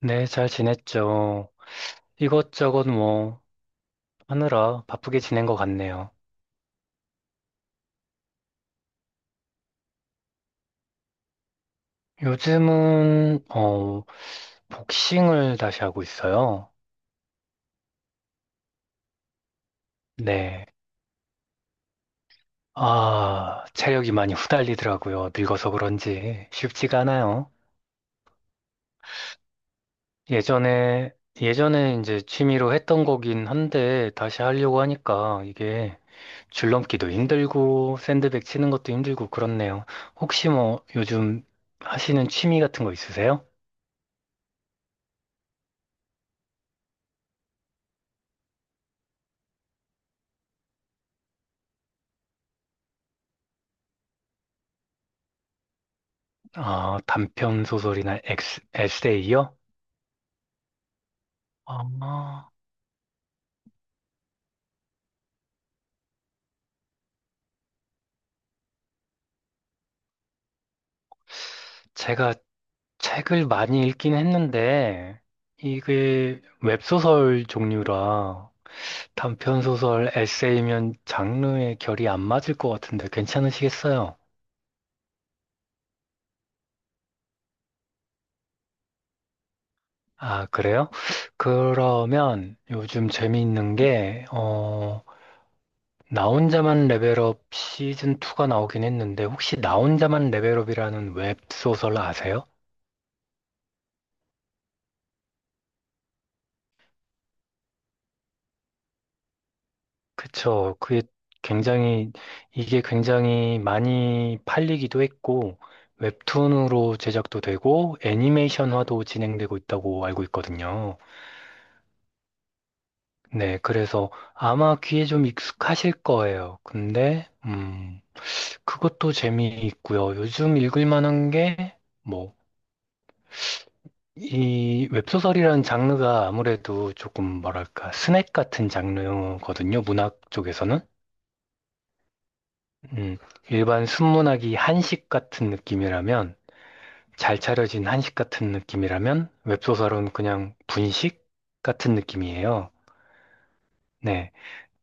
네, 잘 지냈죠. 이것저것 뭐 하느라 바쁘게 지낸 것 같네요. 요즘은 복싱을 다시 하고 있어요. 네. 아, 체력이 많이 후달리더라고요. 늙어서 그런지 쉽지가 않아요. 예전에 예전에 이제 취미로 했던 거긴 한데 다시 하려고 하니까 이게 줄넘기도 힘들고 샌드백 치는 것도 힘들고 그렇네요. 혹시 뭐 요즘 하시는 취미 같은 거 있으세요? 아, 단편 소설이나 에세이요? 아, 제가 책을 많이 읽긴 했는데, 이게 웹소설 종류라 단편 소설, 에세이면 장르의 결이 안 맞을 것 같은데 괜찮으시겠어요? 아, 그래요? 그러면 요즘 재미있는 게, 나 혼자만 레벨업 시즌 2가 나오긴 했는데, 혹시 나 혼자만 레벨업이라는 웹소설 아세요? 그쵸. 굉장히, 이게 굉장히 많이 팔리기도 했고, 웹툰으로 제작도 되고, 애니메이션화도 진행되고 있다고 알고 있거든요. 네, 그래서 아마 귀에 좀 익숙하실 거예요. 근데, 그것도 재미있고요. 요즘 읽을 만한 게, 뭐, 이 웹소설이라는 장르가 아무래도 조금 뭐랄까, 스낵 같은 장르거든요. 문학 쪽에서는. 음, 일반 순문학이 한식 같은 느낌이라면, 잘 차려진 한식 같은 느낌이라면, 웹소설은 그냥 분식 같은 느낌이에요. 네.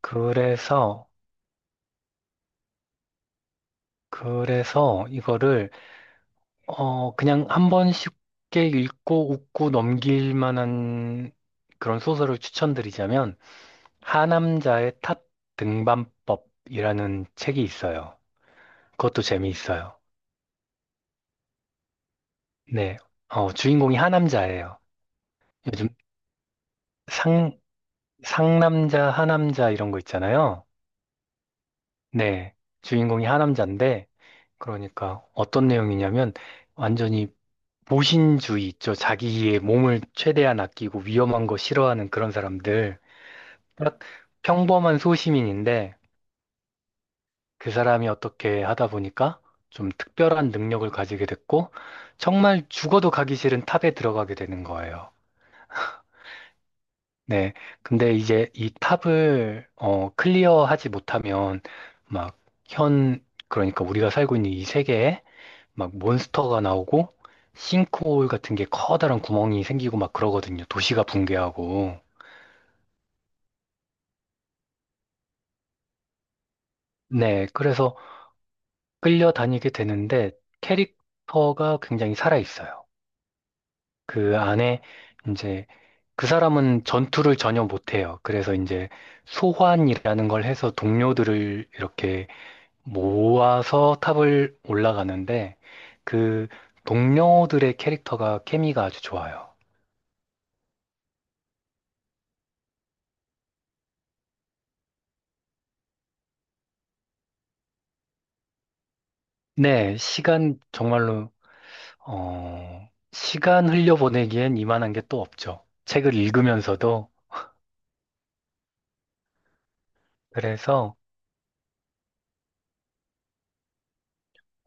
그래서, 그래서 이거를, 그냥 한번 쉽게 읽고 웃고 넘길 만한 그런 소설을 추천드리자면, 하남자의 탑 등반법이라는 책이 있어요. 그것도 재미있어요. 네. 주인공이 하남자예요. 요즘 상, 상남자, 하남자 이런 거 있잖아요. 네. 주인공이 하남자인데, 그러니까 어떤 내용이냐면, 완전히 보신주의 있죠. 자기의 몸을 최대한 아끼고 위험한 거 싫어하는 그런 사람들. 딱 평범한 소시민인데, 그 사람이 어떻게 하다 보니까 좀 특별한 능력을 가지게 됐고, 정말 죽어도 가기 싫은 탑에 들어가게 되는 거예요. 네. 근데 이제 이 탑을 클리어하지 못하면 막 그러니까 우리가 살고 있는 이 세계에 막 몬스터가 나오고 싱크홀 같은 게 커다란 구멍이 생기고 막 그러거든요. 도시가 붕괴하고. 네. 그래서 끌려다니게 되는데 캐릭터가 굉장히 살아있어요. 그 안에 이제 그 사람은 전투를 전혀 못해요. 그래서 이제 소환이라는 걸 해서 동료들을 이렇게 모아서 탑을 올라가는데 그 동료들의 캐릭터가 케미가 아주 좋아요. 네, 시간 흘려보내기엔 이만한 게 또 없죠. 책을 읽으면서도. 그래서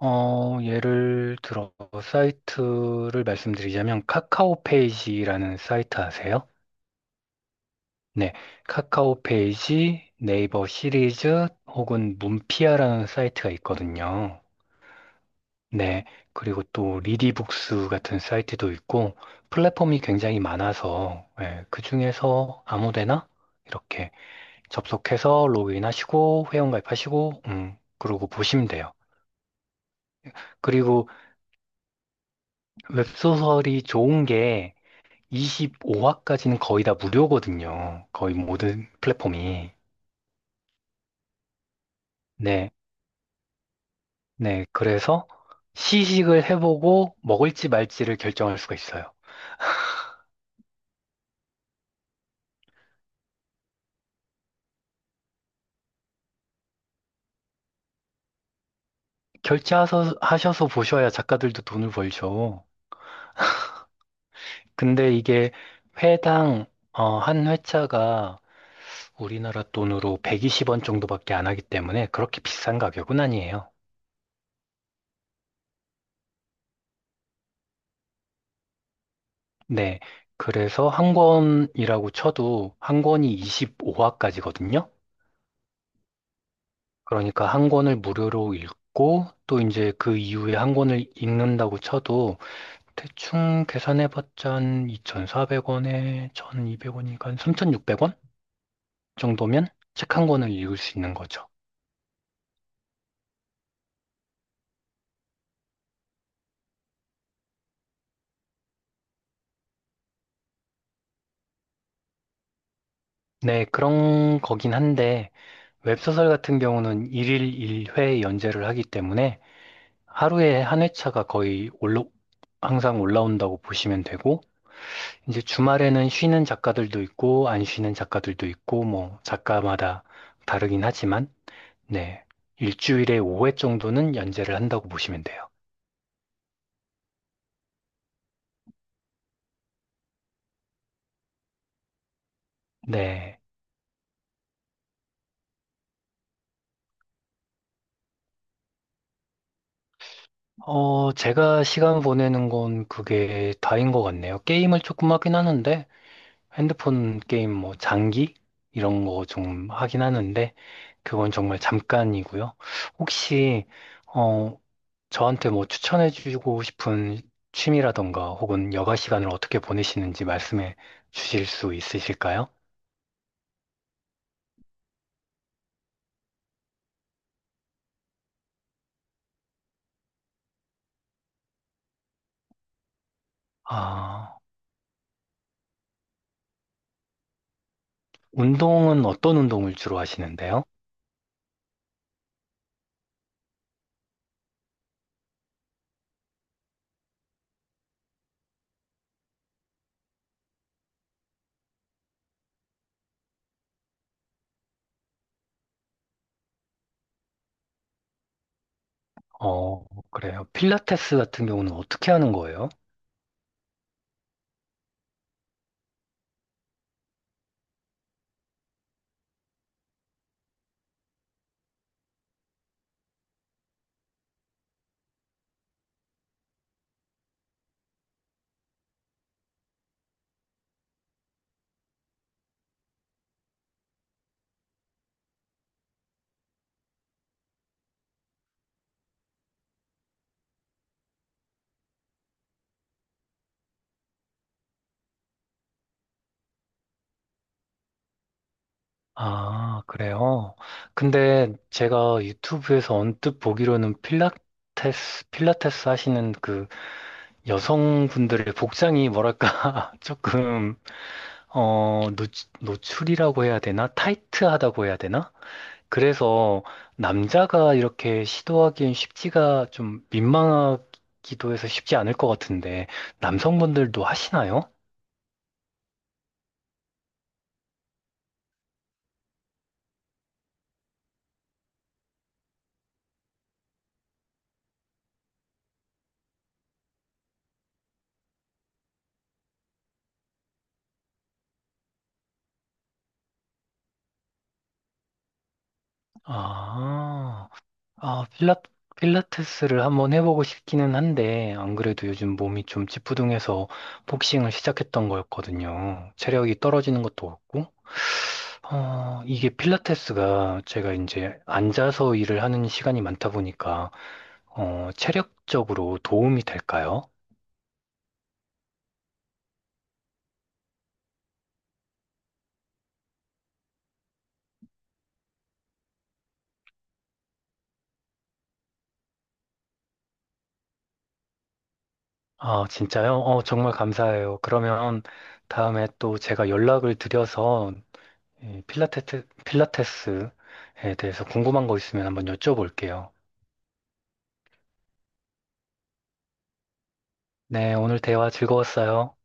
예를 들어 사이트를 말씀드리자면 카카오 페이지라는 사이트 아세요? 네, 카카오 페이지, 네이버 시리즈 혹은 문피아라는 사이트가 있거든요. 네. 그리고 또 리디북스 같은 사이트도 있고 플랫폼이 굉장히 많아서 예, 그중에서 아무데나 이렇게 접속해서 로그인하시고 회원가입하시고 그러고 보시면 돼요. 그리고 웹소설이 좋은 게 25화까지는 거의 다 무료거든요. 거의 모든 플랫폼이. 네. 네. 그래서 시식을 해보고 먹을지 말지를 결정할 수가 있어요. 결제하셔서 하셔서 보셔야 작가들도 돈을 벌죠. 근데 이게 회당 한 회차가 우리나라 돈으로 120원 정도밖에 안 하기 때문에 그렇게 비싼 가격은 아니에요. 네. 그래서 한 권이라고 쳐도 한 권이 25화까지거든요. 그러니까 한 권을 무료로 읽고 또 이제 그 이후에 한 권을 읽는다고 쳐도 대충 계산해봤자 한 2,400원에 1,200원이니까 3,600원 정도면 책 한 권을 읽을 수 있는 거죠. 네, 그런 거긴 한데 웹소설 같은 경우는 일일 일회 연재를 하기 때문에 하루에 한 회차가 거의 올라, 항상 올라온다고 보시면 되고, 이제 주말에는 쉬는 작가들도 있고, 안 쉬는 작가들도 있고, 뭐, 작가마다 다르긴 하지만, 네. 일주일에 5회 정도는 연재를 한다고 보시면 돼요. 네. 제가 시간 보내는 건 그게 다인 것 같네요. 게임을 조금 하긴 하는데, 핸드폰 게임 뭐, 장기? 이런 거 좀 하긴 하는데, 그건 정말 잠깐이고요. 혹시, 어, 저한테 뭐 추천해주고 싶은 취미라던가 혹은 여가 시간을 어떻게 보내시는지 말씀해 주실 수 있으실까요? 아, 운동은 어떤 운동을 주로 하시는데요? 어, 그래요. 필라테스 같은 경우는 어떻게 하는 거예요? 아, 그래요. 근데 제가 유튜브에서 언뜻 보기로는 필라테스 하시는 그 여성분들의 복장이 뭐랄까, 조금 어, 노, 노출이라고 해야 되나? 타이트하다고 해야 되나? 그래서 남자가 이렇게 시도하기엔 쉽지가 좀 민망하기도 해서 쉽지 않을 것 같은데, 남성분들도 하시나요? 아, 아, 필라테스를 한번 해보고 싶기는 한데, 안 그래도 요즘 몸이 좀 찌뿌둥해서 복싱을 시작했던 거였거든요. 체력이 떨어지는 것도 없고, 이게 필라테스가 제가 이제 앉아서 일을 하는 시간이 많다 보니까, 체력적으로 도움이 될까요? 아, 진짜요? 정말 감사해요. 그러면 다음에 또 제가 연락을 드려서 이 필라테스에 대해서 궁금한 거 있으면 한번 여쭤볼게요. 네, 오늘 대화 즐거웠어요.